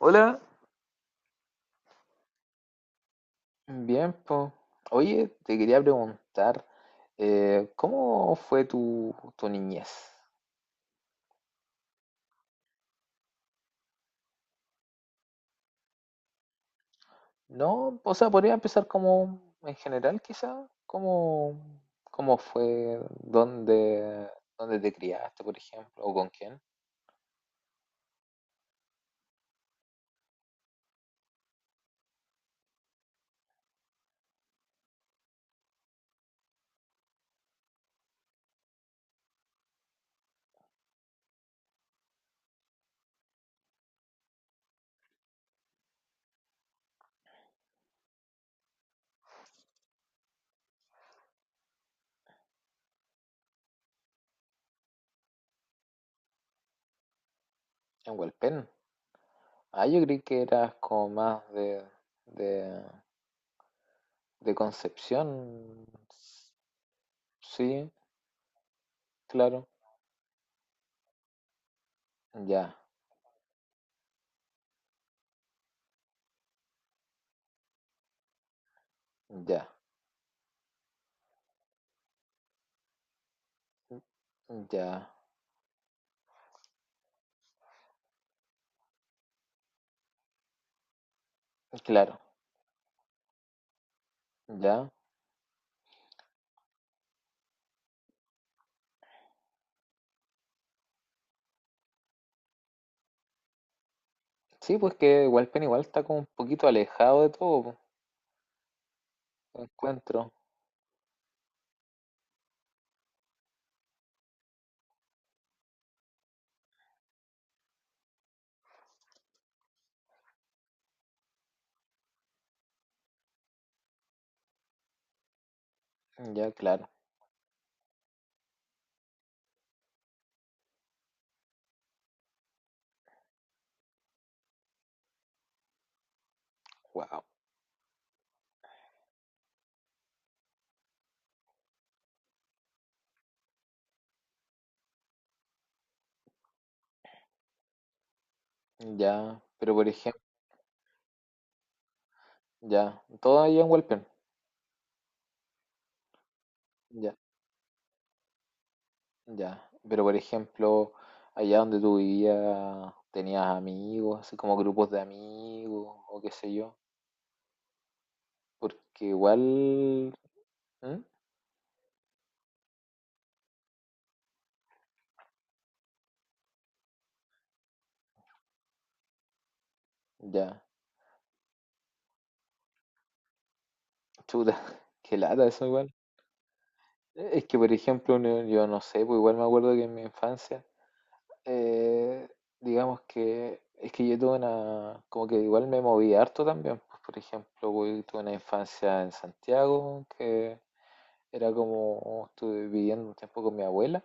Hola. Bien, po. Oye, te quería preguntar, ¿cómo fue tu niñez? No, o sea, podría empezar como en general, quizá. ¿Cómo, cómo fue, dónde, dónde te criaste, por ejemplo, o con quién? En Hualpén. Ah, yo creí que eras como más de, de Concepción. Sí, claro, ya, ya, ya, claro, ya. Sí, pues que Walpen igual está como un poquito alejado de todo, po, encuentro. Ya, claro. Wow. Ya, pero por ejemplo, ya, todo allá en Walpen. Ya, ya. Pero por ejemplo, allá donde tú vivías, ¿tenías amigos, así como grupos de amigos o qué sé yo? Porque igual, ¿mm? Ya, chuta, qué lata eso igual. Es que por ejemplo, no- yo no sé, pues igual me acuerdo que en mi infancia Eh, digamos que es que yo tuve una, como que igual me moví harto también, pues, por ejemplo, güey, tuve una infancia en Santiago, que era como, estuve viviendo un tiempo con mi abuela,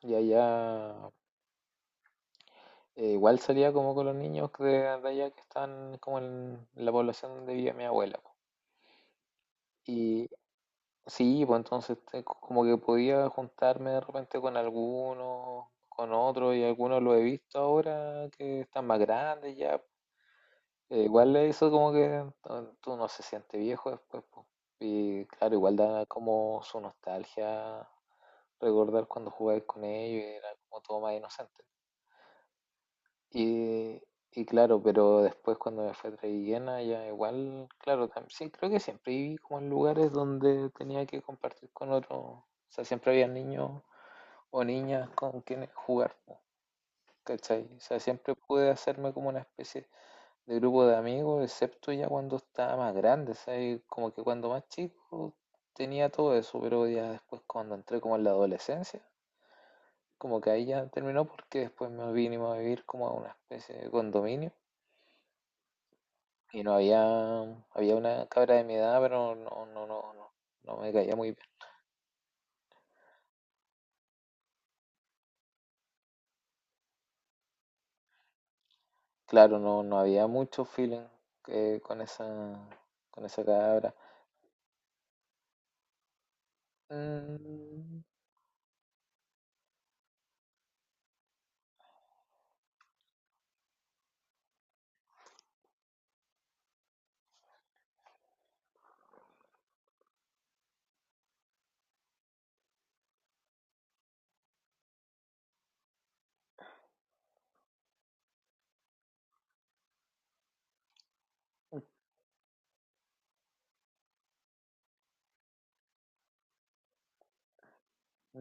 y allá igual salía como con los niños de allá que están como en la población donde vivía mi abuela, po. Y sí, pues entonces te- como que podía juntarme de repente con algunos, con otros, y algunos lo he visto ahora que están más grandes ya. Igual eso como que no- tú no se siente viejo después, po. Y claro, igual da como su nostalgia recordar cuando jugabas con ellos y era como todo más inocente. Y, y claro, pero después cuando me fui a Trevillena, ya igual, claro, tam- sí, creo que siempre viví como en lugares donde tenía que compartir con otros, o sea, siempre había niños o niñas con quienes jugar, po, ¿cachai? O sea, siempre pude hacerme como una especie de grupo de amigos, excepto ya cuando estaba más grande, ¿sabes? Como que cuando más chico tenía todo eso, pero ya después cuando entré como en la adolescencia, como que ahí ya terminó porque después me vinimos a vivir como a una especie de condominio y no había, había una cabra de mi edad, pero no, no, no, no, no me caía muy bien. Claro, no, no había mucho feeling eh, con esa, con esa cabra. Mm,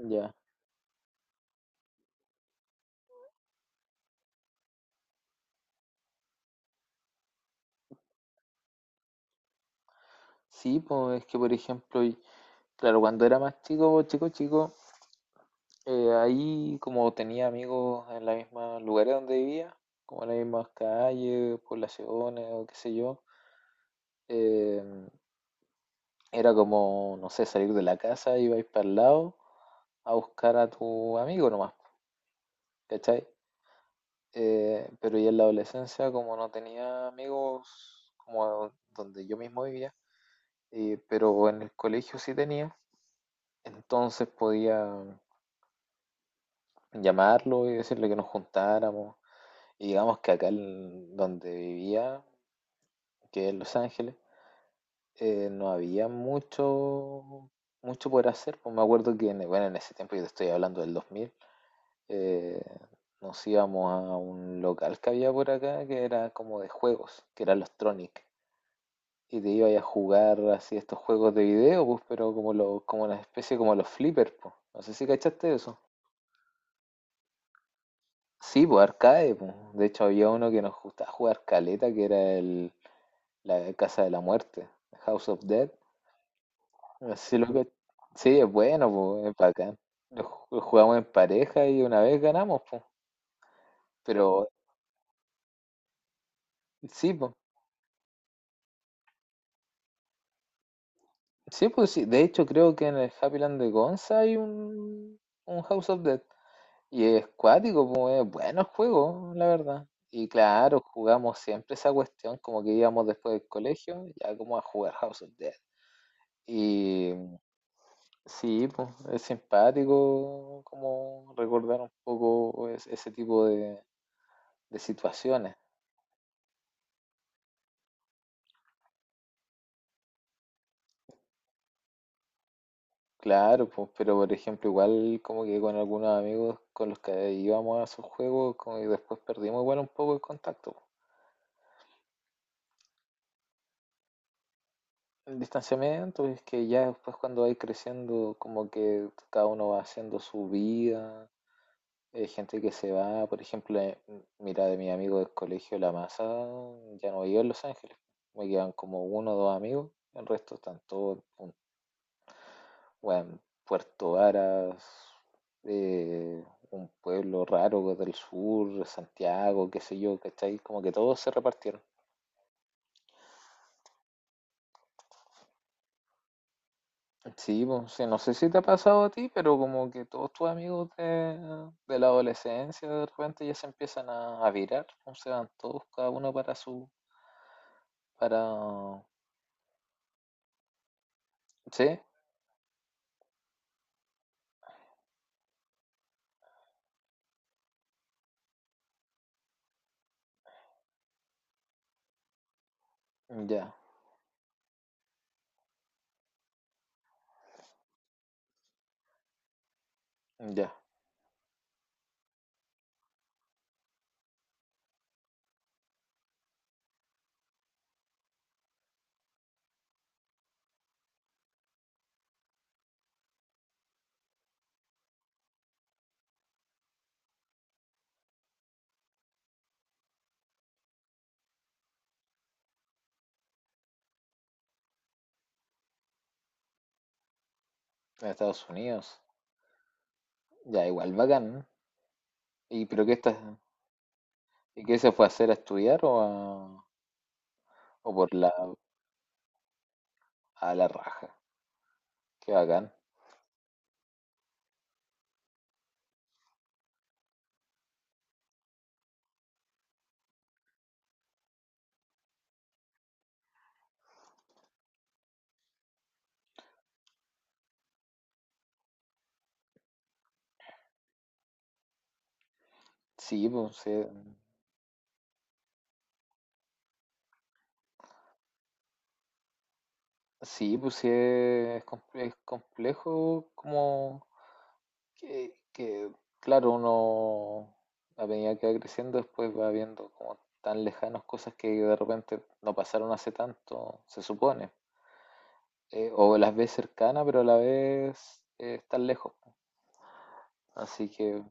ya. Sí, pues es que por ejemplo claro, cuando era más chico, chico, chico, ahí como tenía amigos en los mismos lugares donde vivía, como en las mismas calles, poblaciones o qué sé yo. eh, Era como, no sé, salir de la casa, ibais para el lado a buscar a tu amigo nomás, ¿cachai? Pero ya en la adolescencia, como no tenía amigos como donde yo mismo vivía, pero en el colegio sí tenía, entonces podía llamarlo y decirle que nos juntáramos. Y digamos que acá en donde vivía, que es Los Ángeles, no había mucho, mucho por hacer. Pues me acuerdo que, en, bueno, en ese tiempo, yo te estoy hablando del 2000, eh, nos íbamos a un local que había por acá que era como de juegos, que era los Tronic. Y te ibas a jugar así estos juegos de video, pues, pero como, lo, como una especie como los flippers, pues. No sé si cachaste eso. Sí, pues arcade, pues. De hecho había uno que nos gustaba jugar caleta, que era el, la de Casa de la Muerte, House of Dead. Así lo que... Sí, es bueno, po, es bacán. Lo ju- jugamos en pareja y una vez ganamos, po. Pero sí, po. Sí, pues sí. De hecho, creo que en el Happyland de Gonza hay un House of Dead. Y es cuático, pues es bueno el juego, la verdad. Y claro, jugamos siempre esa cuestión, como que íbamos después del colegio, ya como a jugar House of Dead. Sí, pues, es simpático como recordar un poco es- ese tipo de situaciones. Claro, pues, pero por ejemplo, igual como que con algunos amigos con los que íbamos a esos juegos, como y después perdimos igual un poco el contacto. Pues, el distanciamiento es que ya después cuando vais creciendo, como que cada uno va haciendo su vida. Hay gente que se va, por ejemplo, m- mira, de mi amigo del colegio, la masa, ya no vive en Los Ángeles. Me quedan como uno o dos amigos, el resto están todos en bueno, Puerto Varas, eh, un pueblo raro del sur, Santiago, qué sé yo, ¿cachai? Como que todos se repartieron. Sí, pues, sí, no sé si te ha pasado a ti, pero como que todos tus amigos de la adolescencia de repente ya se empiezan a virar, pues, se van todos cada uno para su, para sí, ya, ya. En Estados Unidos. Ya, igual, bacán. ¿Y pero qué estás, y qué se fue a hacer a estudiar o a, o por la a la raja? Qué bacán. Sí, pues sí, sí, pues sí es, com- es complejo como que, claro, uno a medida que va creciendo después va viendo como tan lejanos cosas que de repente no pasaron hace tanto, se supone. O las ves cercanas, pero a la vez están lejos. Así que,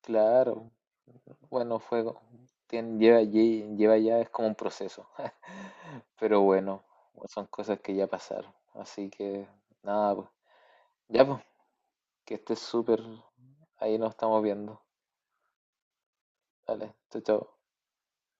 claro, bueno, fue, tien- lleva allí, lleva ya, es como un proceso. Pero bueno, son cosas que ya pasaron. Así que, nada, pues. Ya, pues, que estés súper. Ahí nos estamos viendo. Dale, chao, chao.